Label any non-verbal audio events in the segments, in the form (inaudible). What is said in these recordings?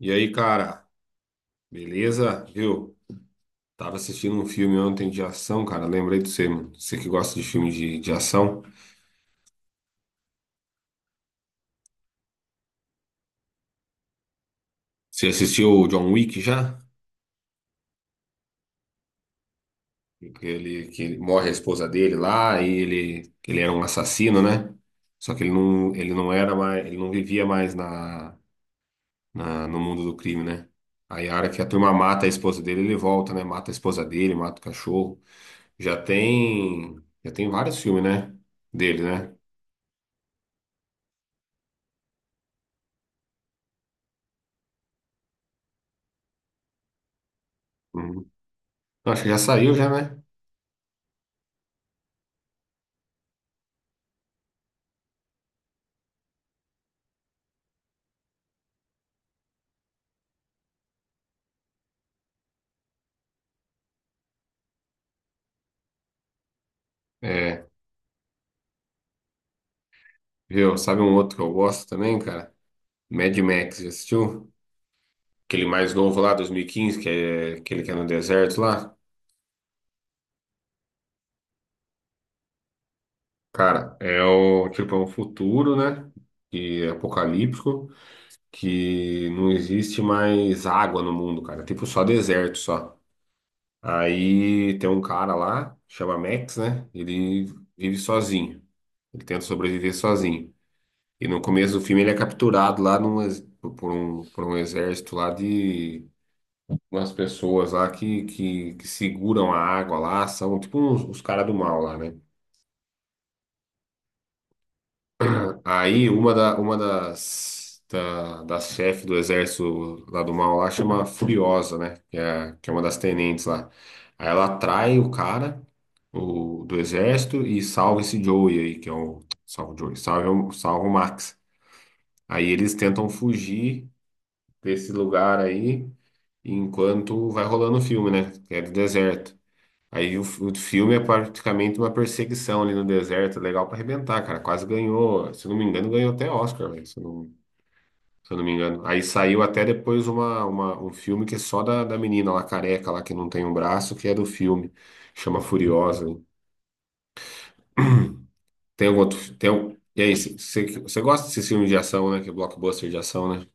E aí, cara, beleza? Viu? Tava assistindo um filme ontem de ação, cara. Lembrei de você, mano. Você que gosta de filme de ação. Você assistiu o John Wick já? Que morre a esposa dele lá e ele, que ele era um assassino, né? Só que ele não era mais, ele não vivia mais no mundo do crime, né? Aí a hora que a turma mata a esposa dele, ele volta, né? Mata a esposa dele, mata o cachorro. Já tem vários filmes, né? Dele, né? Uhum. Então, acho que já saiu já, né? É, viu? Sabe um outro que eu gosto também, cara? Mad Max, já assistiu? Aquele mais novo lá, dois mil e quinze, que é aquele que é no deserto lá. Cara, é o tipo, é um futuro, né? E apocalíptico, que não existe mais água no mundo, cara. É tipo, só deserto, só. Aí tem um cara lá, chama Max, né? Ele vive sozinho. Ele tenta sobreviver sozinho. E no começo do filme ele é capturado lá por um exército lá de umas pessoas lá que seguram a água lá, são tipo uns, os caras do mal lá, né? Aí uma, da, uma das, da, das chefes do exército lá do mal lá chama Furiosa, né? Que é uma das tenentes lá. Aí ela atrai do exército e salva esse Joey aí, que é o. Salva o Joey, salva o Max. Aí eles tentam fugir desse lugar aí enquanto vai rolando o filme, né? Que é do deserto. Aí o filme é praticamente uma perseguição ali no deserto, legal pra arrebentar, cara. Quase ganhou, se eu não me engano, ganhou até Oscar, velho, se eu não me engano. Aí saiu até depois um filme que é só da menina lá, careca lá, que não tem um braço, que é do filme. Chama Furiosa. Hein? (clears throat) Tem algum outro. Fi- Tem um, e aí, você gosta desse filme de ação, né? Que é blockbuster de ação, né?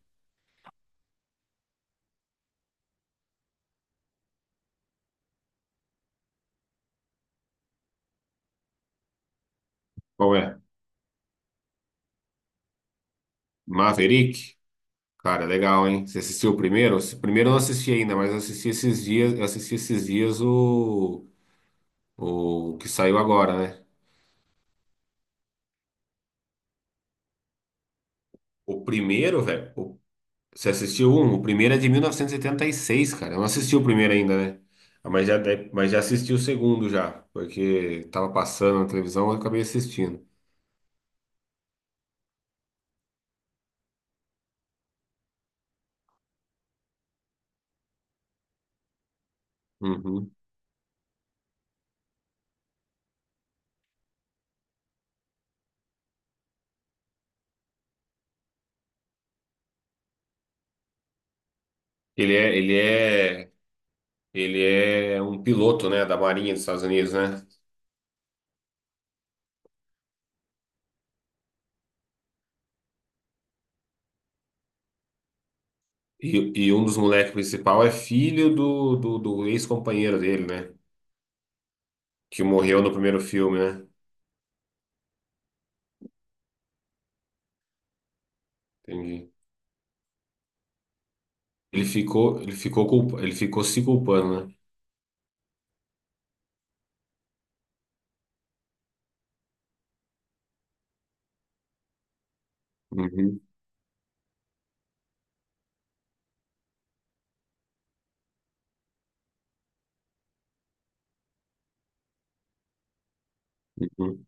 Qual é? Maverick? Cara, legal, hein? Você assistiu o primeiro? Primeiro eu não assisti ainda, mas eu assisti esses dias, eu assisti esses dias o. O que saiu agora, né? O primeiro, velho. O- Você assistiu um? O primeiro é de 1986, cara. Eu não assisti o primeiro ainda, né? Ah, mas já, mas já assisti o segundo já, porque tava passando na televisão, eu acabei assistindo. Uhum. Ele é, ele é, ele é um piloto, né, da Marinha dos Estados Unidos, né? E um dos moleques principal é filho do ex-companheiro dele, né? Que morreu no primeiro filme, né? Entendi. Ele ficou se culpando, né? Uhum. Uhum.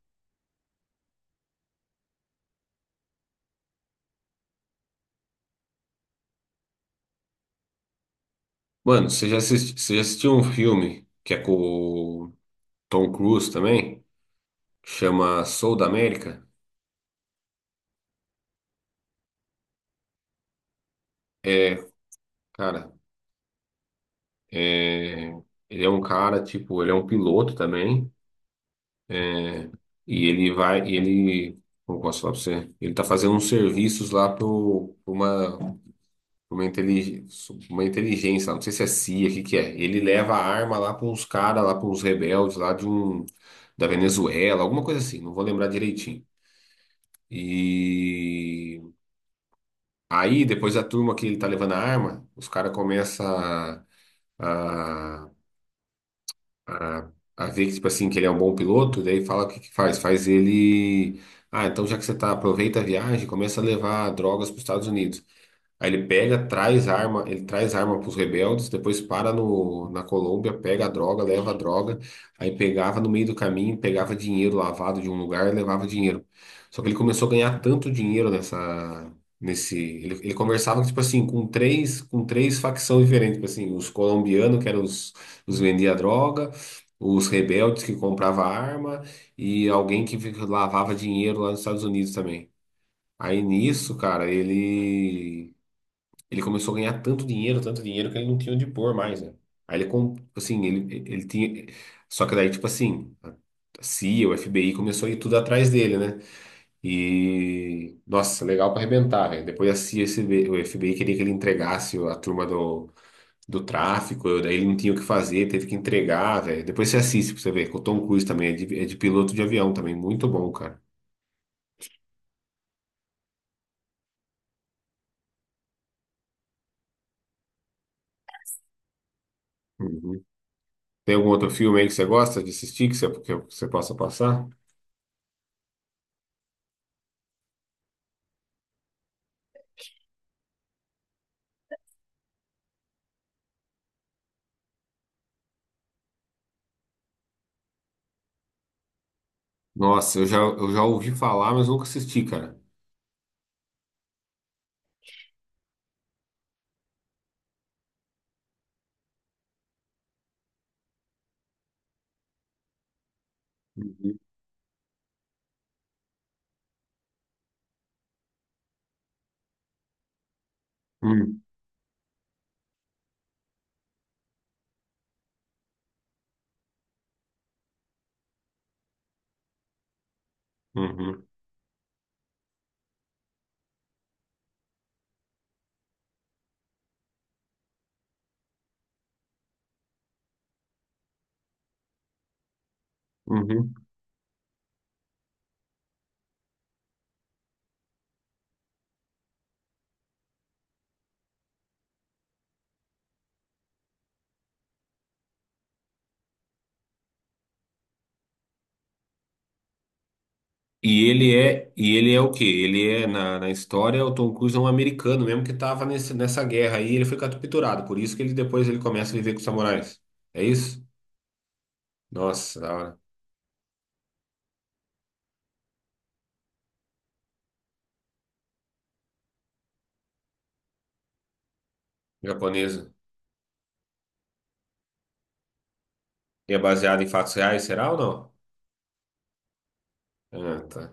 Mano, você já assistiu um filme que é com o Tom Cruise também? Chama Soul da América? É, cara, é, ele é um cara, tipo, ele é um piloto também, né? E ele vai, e ele, como eu posso falar pra você? Ele tá fazendo uns serviços lá pra uma, intelig, uma inteligência, não sei se é CIA, o que que é. Ele leva a arma lá pra uns caras, lá pra uns rebeldes lá de um, da Venezuela, alguma coisa assim, não vou lembrar direitinho. E aí, depois da turma que ele tá levando a arma, os caras começam a, a, a ver que, tipo assim, que ele é um bom piloto, daí fala o que que faz? Faz ele. Ah, então já que você tá, aproveita a viagem, começa a levar drogas para os Estados Unidos. Aí ele pega, traz arma, ele traz arma para os rebeldes, depois para no, na Colômbia, pega a droga, leva a droga, aí pegava no meio do caminho, pegava dinheiro lavado de um lugar, e levava dinheiro. Só que ele começou a ganhar tanto dinheiro ele conversava tipo assim com três facções diferentes, tipo assim, os colombianos que eram os vendia droga, os rebeldes que comprava arma e alguém que lavava dinheiro lá nos Estados Unidos também. Aí nisso, cara, ele começou a ganhar tanto dinheiro, que ele não tinha onde pôr mais, né? Aí ele, ele tinha. Só que daí, tipo assim, a CIA, o FBI começou a ir tudo atrás dele, né? E. Nossa, legal pra arrebentar, velho. Depois a CIA, o FBI queria que ele entregasse a turma do tráfico, daí ele não tinha o que fazer, teve que entregar, velho. Depois você assiste pra você ver, que o Tom Cruise também é de piloto de avião também, muito bom, cara. Uhum. Tem algum outro filme aí que você gosta de assistir, que você possa passar? Nossa, eu já ouvi falar, mas nunca assisti, cara. Uhum. Hum, uhum, uhum. E ele é o quê? Ele é na história, o Tom Cruise é um americano mesmo que tava nessa guerra aí, ele foi capturado, por isso que ele começa a viver com os samurais. É isso? Nossa, da hora. Japonesa. E é baseado em fatos reais, será ou não? Ah, tá.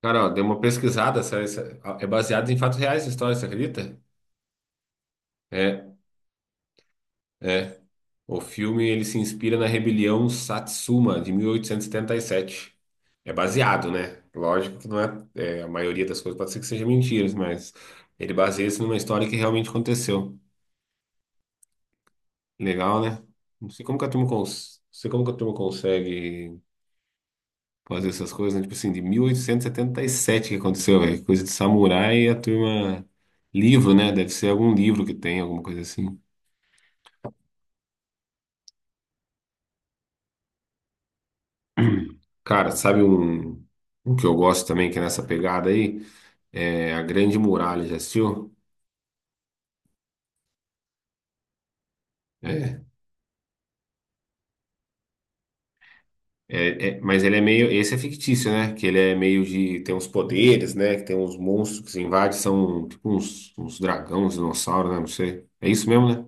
Cara, ó, dei uma pesquisada, é baseado em fatos reais a história, você acredita? É. É. O filme ele se inspira na Rebelião Satsuma de mil oitocentos e setenta e sete. É baseado, né? Lógico que não é, é, a maioria das coisas pode ser que seja mentiras, mas ele baseia-se numa história que realmente aconteceu. Legal, né? Não sei como que a turma cons... não sei como que a turma consegue fazer essas coisas, né? Tipo assim, de mil oitocentos e setenta e sete que aconteceu, velho. Coisa de samurai e a turma livro, né? Deve ser algum livro que tem, alguma coisa assim. (clears throat) Cara, sabe um, um que eu gosto também, que é nessa pegada aí? É, a Grande Muralha, já assistiu? É. É, é, mas ele é meio. Esse é fictício, né? Que ele é meio de. Tem uns poderes, né? Que tem uns monstros que se invadem, são tipo uns, uns dragão, uns dinossauros, né? Não sei. É isso mesmo, né?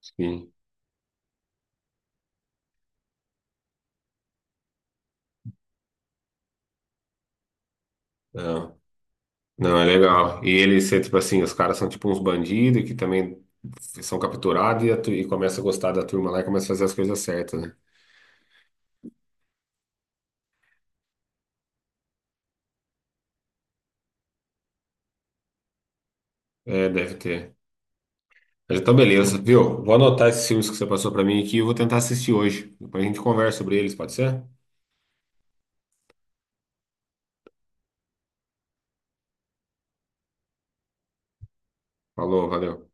Sim. Não, não, é legal. E eles são tipo assim, os caras são tipo uns bandidos que também são capturados e, e começa a gostar da turma lá e começa a fazer as coisas certas, né? É, deve ter. Mas então, beleza, viu? Vou anotar esses filmes que você passou pra mim aqui e eu vou tentar assistir hoje. Depois a gente conversa sobre eles, pode ser? Falou, valeu.